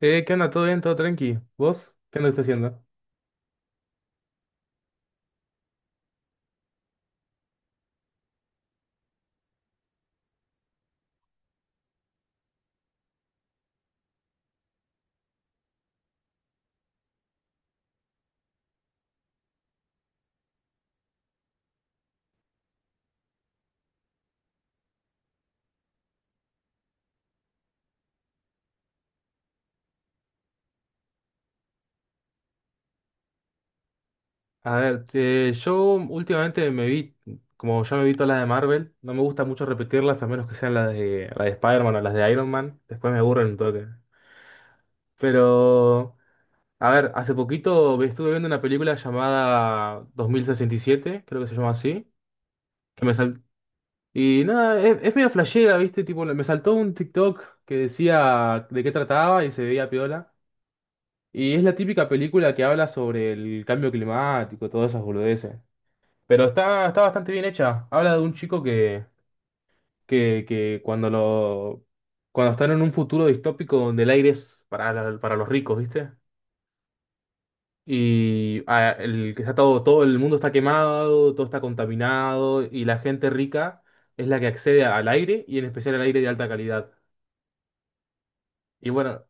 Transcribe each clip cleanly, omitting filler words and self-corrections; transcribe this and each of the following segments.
¿Qué onda? ¿Todo bien? ¿Todo tranqui? ¿Vos? ¿Qué andas haciendo? A ver, yo últimamente como ya me vi todas las de Marvel. No me gusta mucho repetirlas a menos que sean la de Spider-Man o las de Iron Man. Después me aburren un toque. Pero, a ver, hace poquito estuve viendo una película llamada 2067, creo que se llama así, que me sal- y nada, es medio flashera, ¿viste? Tipo, me saltó un TikTok que decía de qué trataba y se veía piola. Y es la típica película que habla sobre el cambio climático, todas esas boludeces. Pero está bastante bien hecha. Habla de un chico que cuando están en un futuro distópico donde el aire es para los ricos, ¿viste? Y ah, el que está todo, Todo el mundo está quemado, todo está contaminado, y la gente rica es la que accede al aire, y en especial al aire de alta calidad. Y bueno.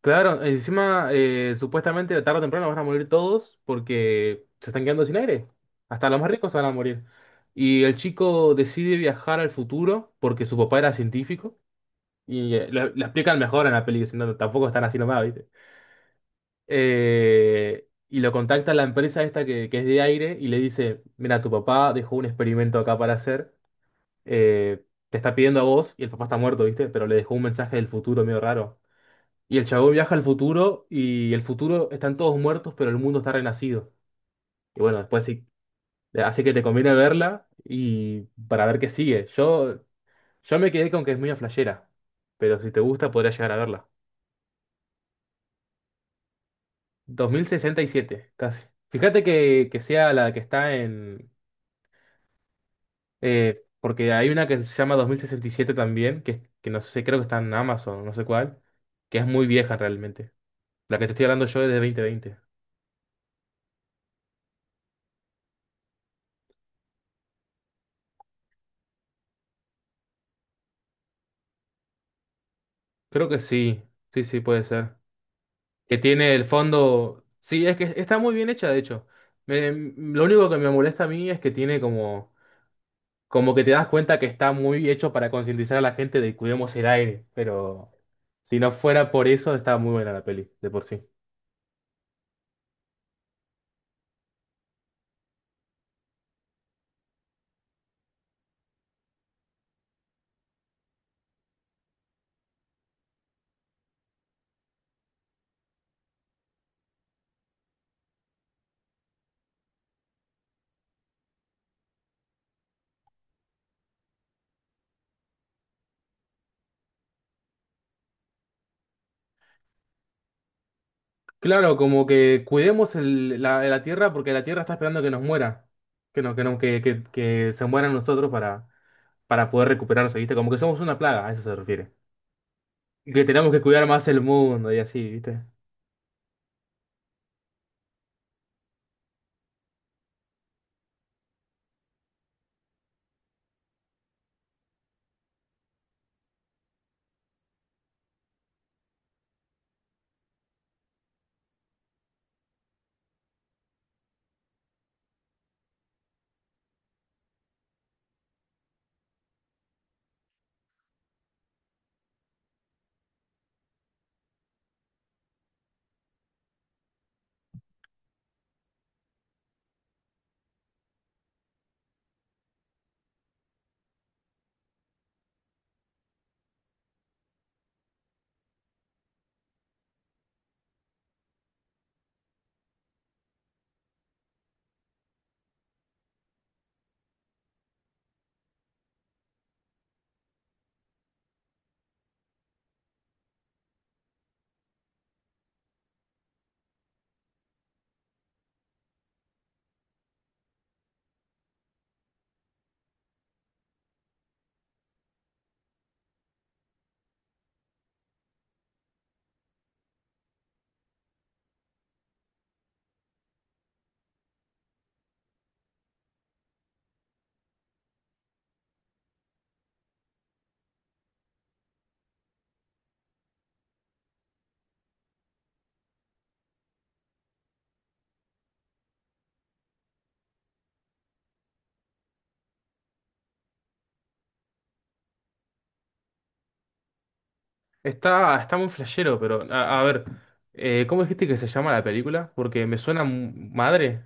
Claro, encima supuestamente tarde o temprano van a morir todos porque se están quedando sin aire. Hasta los más ricos van a morir. Y el chico decide viajar al futuro porque su papá era científico y lo explican mejor en la peli, si no, tampoco están así nomás, ¿viste? Y lo contacta la empresa esta que es de aire y le dice, mira, tu papá dejó un experimento acá para hacer, te está pidiendo a vos y el papá está muerto, ¿viste? Pero le dejó un mensaje del futuro medio raro. Y el chabón viaja al futuro y el futuro están todos muertos, pero el mundo está renacido. Y bueno, después sí, así que te conviene verla y para ver qué sigue. Yo me quedé con que es muy flashera, pero si te gusta podrías llegar a verla. 2067 casi. Fíjate que sea la que está en... Porque hay una que se llama 2067 también, que no sé, creo que está en Amazon, no sé cuál, que es muy vieja realmente. La que te estoy hablando yo es de 2020. Creo que sí, sí, sí, puede ser. Que tiene el fondo. Sí, es que está muy bien hecha, de hecho. Lo único que me molesta a mí es que tiene como que te das cuenta que está muy hecho para concientizar a la gente de cuidemos el aire, pero si no fuera por eso, está muy buena la peli, de por sí. Claro, como que cuidemos la tierra porque la tierra está esperando que nos muera, que, no, que, no, que se mueran nosotros para poder recuperarse, ¿viste? Como que somos una plaga, a eso se refiere. Que tenemos que cuidar más el mundo y así, ¿viste? Está muy flashero. Pero a ver, ¿cómo dijiste que se llama la película? Porque me suena madre.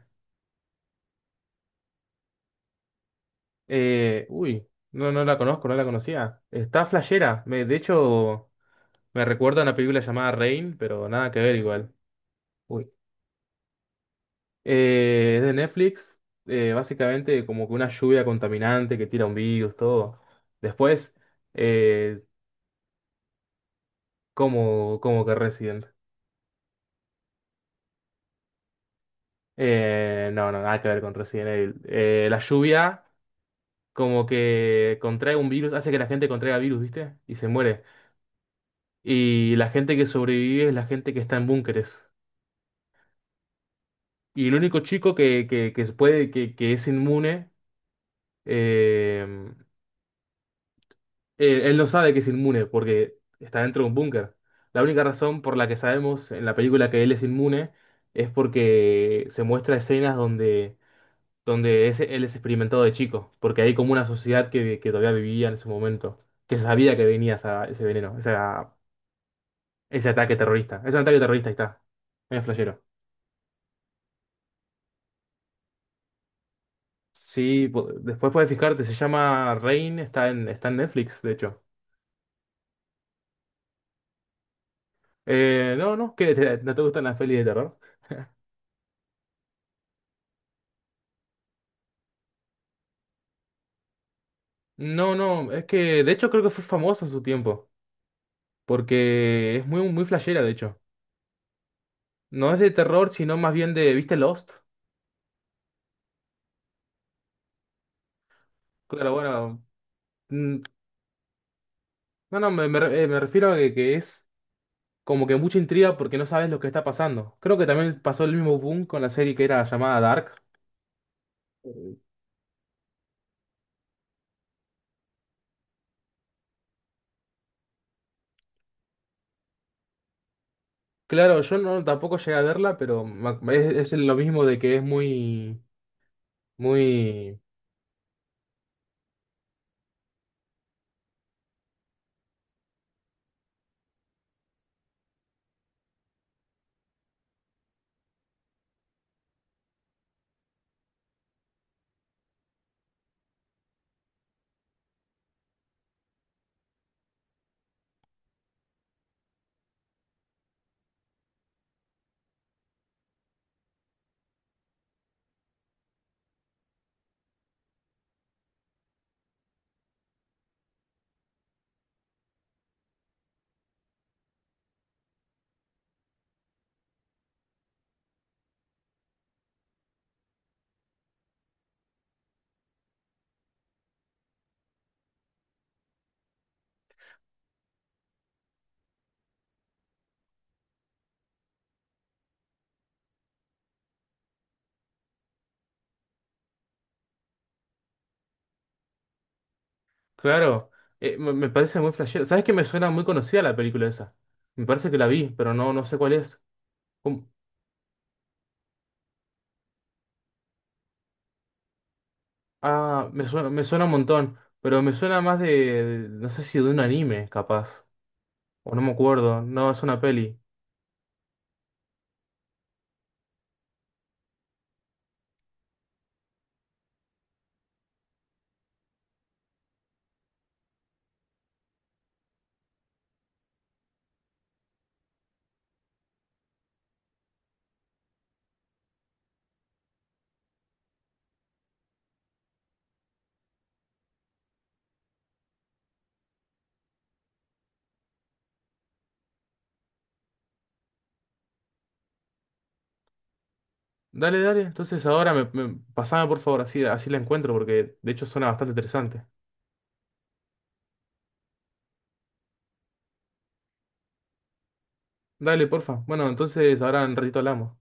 Uy, no, no la conozco, no la conocía. Está flashera. De hecho, me recuerda a una película llamada Rain, pero nada que ver igual. Uy. Es de Netflix. Básicamente como que una lluvia contaminante que tira un virus, todo. Después, eh, como que Resident. No, no, nada que ver con Resident Evil. La lluvia como que contrae un virus, hace que la gente contraiga virus, ¿viste? Y se muere. Y la gente que sobrevive es la gente que está en búnkeres. Y el único chico que puede, que es inmune. Eh, él, él no sabe que es inmune porque está dentro de un búnker. La única razón por la que sabemos en la película que él es inmune es porque se muestra escenas donde él es experimentado de chico, porque hay como una sociedad que todavía vivía en ese momento, que sabía que venía ese veneno. Ese ataque terrorista. Es un ataque terrorista, ahí está. Es flashero. Sí, después puedes fijarte, se llama Rain, está en Netflix, de hecho. No, no, no te gustan las pelis de terror. No, no, es que de hecho creo que fue famoso en su tiempo, porque es muy, muy flashera, de hecho. No es de terror, sino más bien de, ¿viste Lost? Claro, bueno. mm, No, no, me refiero a que es como que mucha intriga porque no sabes lo que está pasando. Creo que también pasó el mismo boom con la serie que era llamada Dark. Claro, yo no tampoco llegué a verla, pero es lo mismo de que es muy, muy, claro, me parece muy flashero. ¿Sabes que me suena muy conocida la película esa? Me parece que la vi, pero no, no sé cuál es. ¿Cómo? Ah, me suena un montón, pero me suena más no sé si de un anime, capaz, o no me acuerdo. No, es una peli. Dale, dale. Entonces ahora pasame por favor, así la encuentro, porque de hecho suena bastante interesante. Dale, porfa. Bueno, entonces ahora en ratito hablamos.